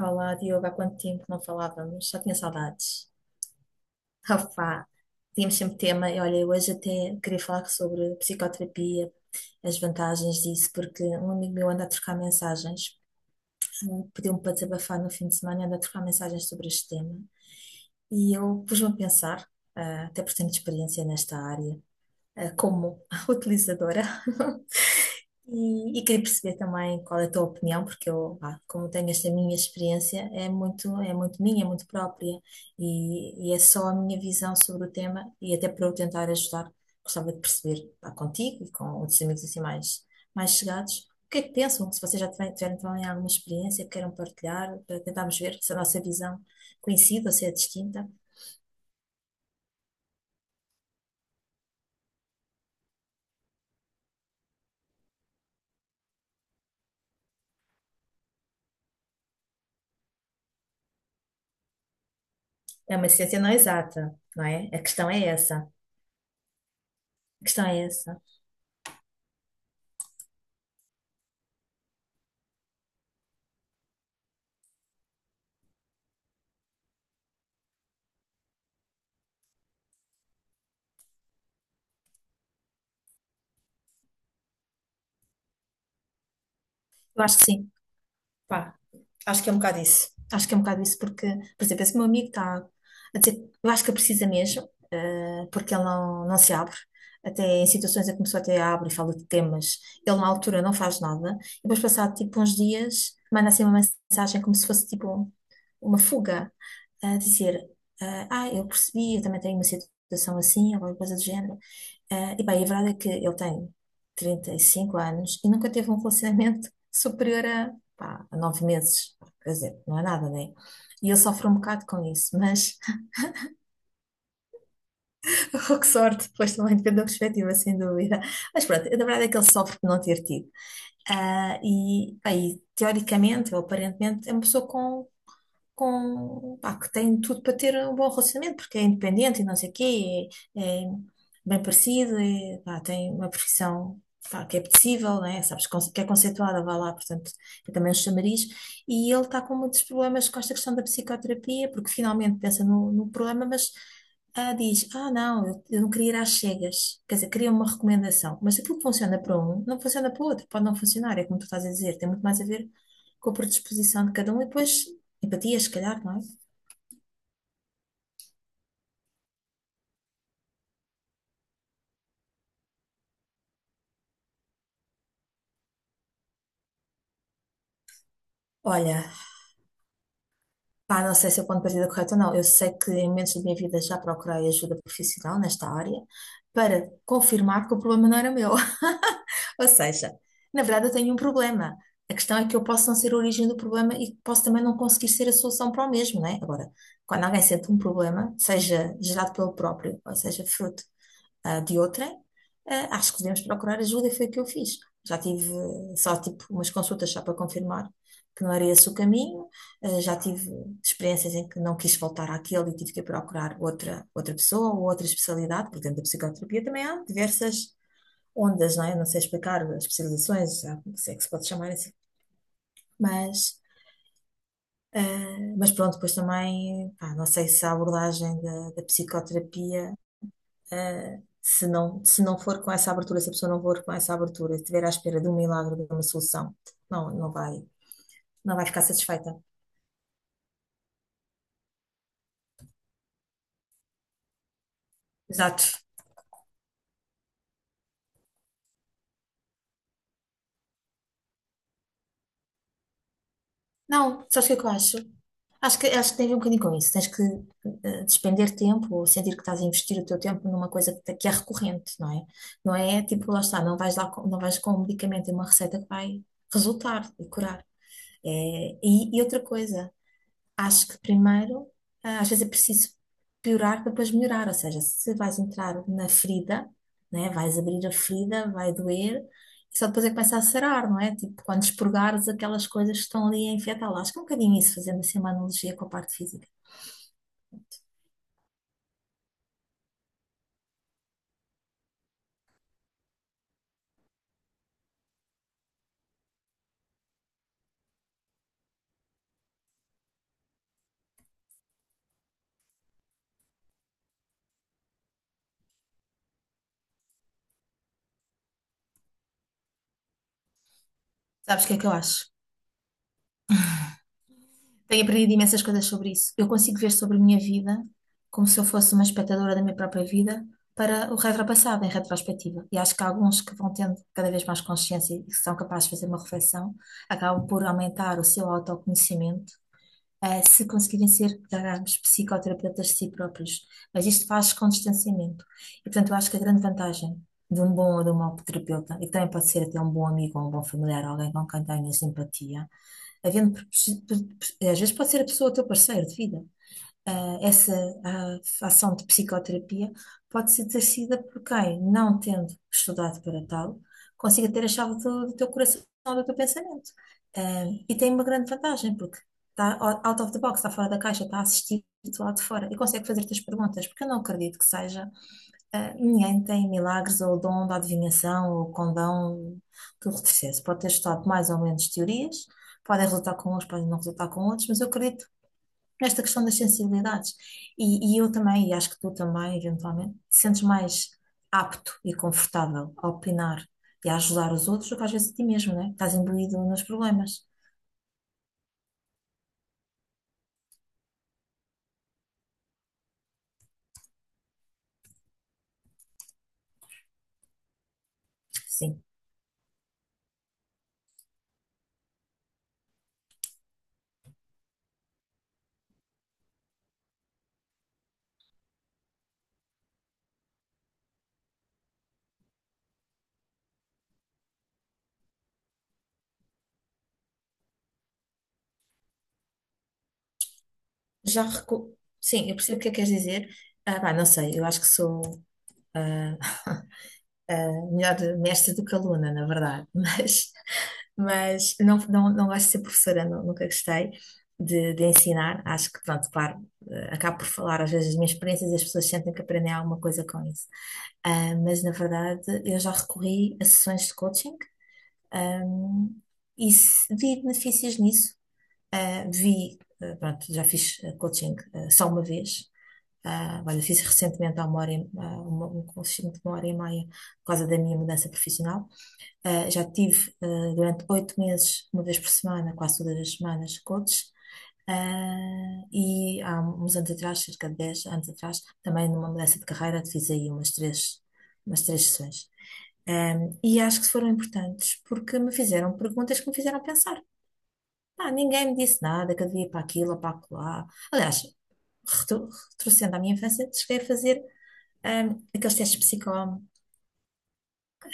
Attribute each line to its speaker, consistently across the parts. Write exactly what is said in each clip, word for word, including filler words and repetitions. Speaker 1: Olá, Diogo, há quanto tempo não falávamos? Já tinha saudades. Rafá, tínhamos sempre tema e olha, eu hoje até queria falar sobre psicoterapia, as vantagens disso, porque um amigo meu anda a trocar mensagens, pediu-me para desabafar no fim de semana, anda a trocar mensagens sobre este tema. E eu pus-me a pensar, ah, até por tenho experiência nesta área, ah, como utilizadora. E, e queria perceber também qual é a tua opinião, porque eu, pá, como tenho esta minha experiência, é muito, é muito minha, é muito própria, e, e é só a minha visão sobre o tema, e até para eu tentar ajudar, gostava de perceber, pá, contigo e com outros amigos assim mais, mais chegados, o que é que pensam, se vocês já tiverem, tiveram também alguma experiência que queiram partilhar, para tentarmos ver se a nossa visão coincide ou se é distinta. É uma ciência não exata, não é? A questão é essa, a questão é essa. Eu acho que sim, pá. Acho que é um bocado isso. Acho que é um bocado isso, porque, por exemplo, esse meu amigo está a dizer, eu acho que precisa mesmo, eh, porque ele não, não se abre. Até em situações em que começou até abre e fala de temas. Ele, na altura, não faz nada. E depois, passado tipo uns dias, manda assim uma mensagem como se fosse tipo uma fuga, a dizer: eh, Ah, eu percebi, eu também tenho uma situação assim, ou alguma coisa do género. Ah, e bem, a verdade é que ele tem trinta e cinco anos e nunca teve um relacionamento superior a, pá, a nove meses. Quer dizer, não é nada, né? E ele sofre um bocado com isso, mas oh, que sorte, pois também depende da perspectiva, sem dúvida. Mas pronto, a verdade é que ele sofre por não ter tido. Ah, e bem, teoricamente, ou aparentemente, é uma pessoa com com, pá, que tem tudo para ter um bom relacionamento, porque é independente e não sei o quê, é, é bem parecido, é, pá, tem uma profissão, pá, que é possível, né? Sabes, con- que é conceituada, vá lá, portanto, é também um chamariz, e ele está com muitos problemas com esta questão da psicoterapia, porque finalmente pensa no, no problema, mas ah, diz, ah, não, eu, eu não queria ir às cegas, quer dizer, queria uma recomendação, mas aquilo que funciona para um, não funciona para o outro, pode não funcionar, é como tu estás a dizer, tem muito mais a ver com a predisposição de cada um e depois empatia, se calhar, não é? Olha, pá, não sei se é o ponto de partida correto ou não. Eu sei que em momentos da minha vida já procurei ajuda profissional nesta área para confirmar que o problema não era meu. Ou seja, na verdade eu tenho um problema. A questão é que eu posso não ser a origem do problema e posso também não conseguir ser a solução para o mesmo, não é? Agora, quando alguém sente um problema, seja gerado pelo próprio, ou seja, fruto ah, de outrem, ah, acho que devemos procurar ajuda, e foi o que eu fiz. Já tive eh, só tipo umas consultas só para confirmar que não era esse o caminho. Ah, já tive experiências em que não quis voltar àquele e tive que procurar outra, outra pessoa ou outra especialidade, porque dentro da psicoterapia também há diversas ondas, não é? Não sei explicar as especializações, já não sei que se pode chamar assim, mas... ah, mas pronto, depois também, pá, não sei se a abordagem da, da psicoterapia Uh, se não, se não for com essa abertura, se a pessoa não for com essa abertura, se estiver à espera de um milagre, de uma solução, não, não vai, não vai ficar satisfeita. Exato. Não, sabes o que é que eu acho? Acho que, acho que tem a ver um bocadinho com isso. Tens que eh, despender tempo ou sentir que estás a investir o teu tempo numa coisa que, te- que é recorrente, não é? Não é tipo, lá está, não vais lá, com- não vais com um medicamento e uma receita que vai resultar e curar. É, e, e outra coisa. Acho que primeiro, ah, às vezes é preciso piorar para depois melhorar, ou seja, se vais entrar na ferida, né, vais abrir a ferida, vai doer, e só depois é que começa a sarar, não é? Tipo, quando expurgares aquelas coisas que estão ali a infectá-la. Acho que é um bocadinho isso, fazendo assim uma analogia com a parte física. Sabes o que é que eu acho? Tenho aprendido imensas coisas sobre isso. Eu consigo ver sobre a minha vida como se eu fosse uma espectadora da minha própria vida para o retropassado, em retrospectiva. E acho que há alguns que vão tendo cada vez mais consciência e que são capazes de fazer uma reflexão, acabam por aumentar o seu autoconhecimento, eh, se conseguirem ser, digamos, psicoterapeutas de si próprios. Mas isto faz com distanciamento. E, portanto, eu acho que a grande vantagem de um bom ou de um mau terapeuta, e que também pode ser até um bom amigo ou um bom familiar, alguém com quem tenhas empatia, havendo, propici- pro- às vezes pode ser a pessoa, o teu parceiro de vida, ah, essa ah, ação de psicoterapia pode ser exercida por quem, não tendo estudado para tal, consiga ter a chave do, do teu coração, do teu pensamento. Ah, e tem uma grande vantagem, porque está o- out of the box, está fora da caixa, está a assistir-te lá de fora e consegue fazer-te as perguntas, porque eu não acredito que seja. Ah, ninguém tem milagres ou o dom da adivinhação ou o condão do retrocesso. Pode ter estudado mais ou menos teorias, podem resultar com uns, podem não resultar com outros, mas eu acredito esta questão das sensibilidades. E, e eu também, e acho que tu também, eventualmente, te sentes mais apto e confortável a opinar e a ajudar os outros do que às vezes a ti mesmo, né? Estás imbuído nos problemas. Sim. Já recu... Sim, eu percebo o que é que queres dizer. Ah, pá, não sei, eu acho que sou. ah, Uh, melhor mestre do que aluna, na verdade, mas, mas não, não, não gosto de ser professora, nu- nunca gostei de, de ensinar. Acho que, pronto, claro, eh, acabo por falar às vezes as minhas experiências e as pessoas sentem que aprendem alguma coisa com isso. Ah, mas, na verdade, eu já recorri a sessões de coaching, ahm, e se- vi benefícios nisso. Ah, vi, eh, pronto, já fiz eh, coaching eh, só uma vez, ah, olha, fiz recentemente há uma hora, em- ah, uma- um curso de uma hora e meia por causa da minha mudança profissional. Ah, já tive ah, durante oito meses, uma vez por semana, quase todas as semanas, coaches. Ah, e há uns anos atrás, cerca de dez anos atrás, também numa mudança de carreira, fiz aí umas três, umas três sessões. Um, e acho que foram importantes porque me fizeram perguntas que me fizeram pensar. Ah, ninguém me disse nada, que eu devia ir para aquilo ou para acolá. Aliás, retro- retrocedendo à minha infância, cheguei a fazer hum, aqueles testes psico,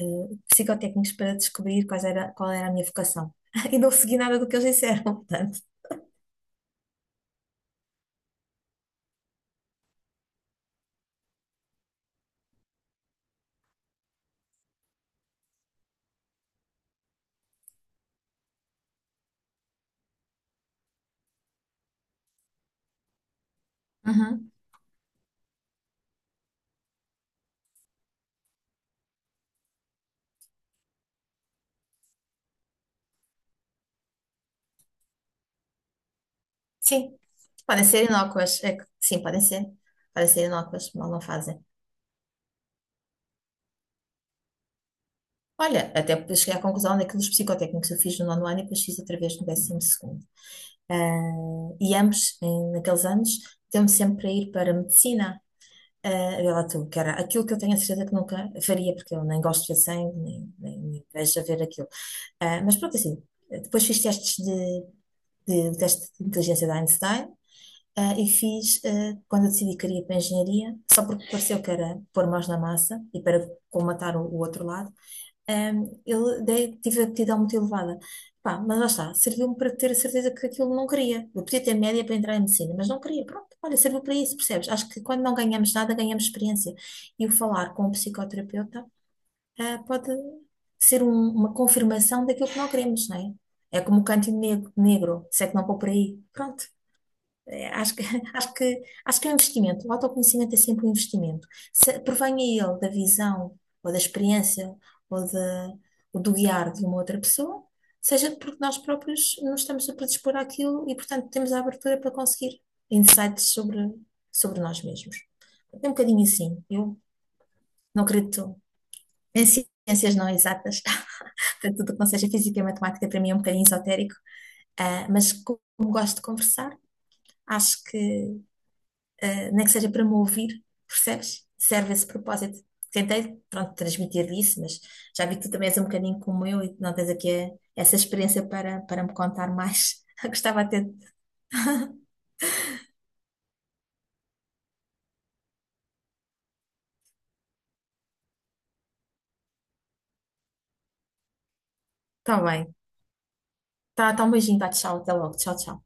Speaker 1: eh, psicotécnicos para descobrir quais era, qual era a minha vocação. E não segui nada do que eles disseram, portanto. Uhum. Sim, podem ser inócuas. É que, sim, podem ser. Podem ser inócuas, mal não fazem. Olha, até porque cheguei à conclusão daqueles psicotécnicos que eu fiz no nono ano e depois fiz outra vez no décimo segundo. Ah, e ambos, em- naqueles anos, deu-me sempre para ir para medicina. Ah, vê lá tu, que era aquilo que eu tenho a certeza que nunca faria, porque eu nem gosto de ver sangue, nem, nem me vejo a ver aquilo. Ah, mas pronto, assim, depois fiz testes de, de um teste de inteligência da Einstein, ah, e fiz, ah, quando eu decidi que queria ir para a engenharia, só porque pareceu que era pôr mãos na massa e para colmatar o, o outro lado, um, eu dei- tive a aptidão muito elevada. Pá, mas lá está, serviu-me para ter a certeza que aquilo não queria. Eu podia ter média para entrar em medicina, mas não queria. Pronto, olha, serviu para isso, percebes? Acho que quando não ganhamos nada, ganhamos experiência. E o falar com um psicoterapeuta, eh, pode ser um- uma confirmação daquilo que não queremos, não é? É como o canto negro, negro, se é que não vou por aí. Pronto. É, acho que, acho que, acho que é um investimento. O autoconhecimento é sempre um investimento. Se provenha ele da visão, ou da experiência, ou, da ou do guiar de uma outra pessoa, seja porque nós próprios nos estamos a predispor àquilo e, portanto, temos a abertura para conseguir insights sobre, sobre nós mesmos. É um bocadinho assim. Eu não acredito em ciências não exatas, portanto, tudo o que não seja física e matemática para mim é um bocadinho esotérico. Ah, mas como gosto de conversar, acho que eh, nem que seja para me ouvir, percebes? Serve esse propósito. Tentei, pronto, transmitir isso, mas já vi que tu também és um bocadinho como eu e que não tens aqui eh, essa experiência para, para me contar mais. Gostava até. Está bem. Tá, tá um beijinho, tá, tchau, até logo. Tchau, tchau.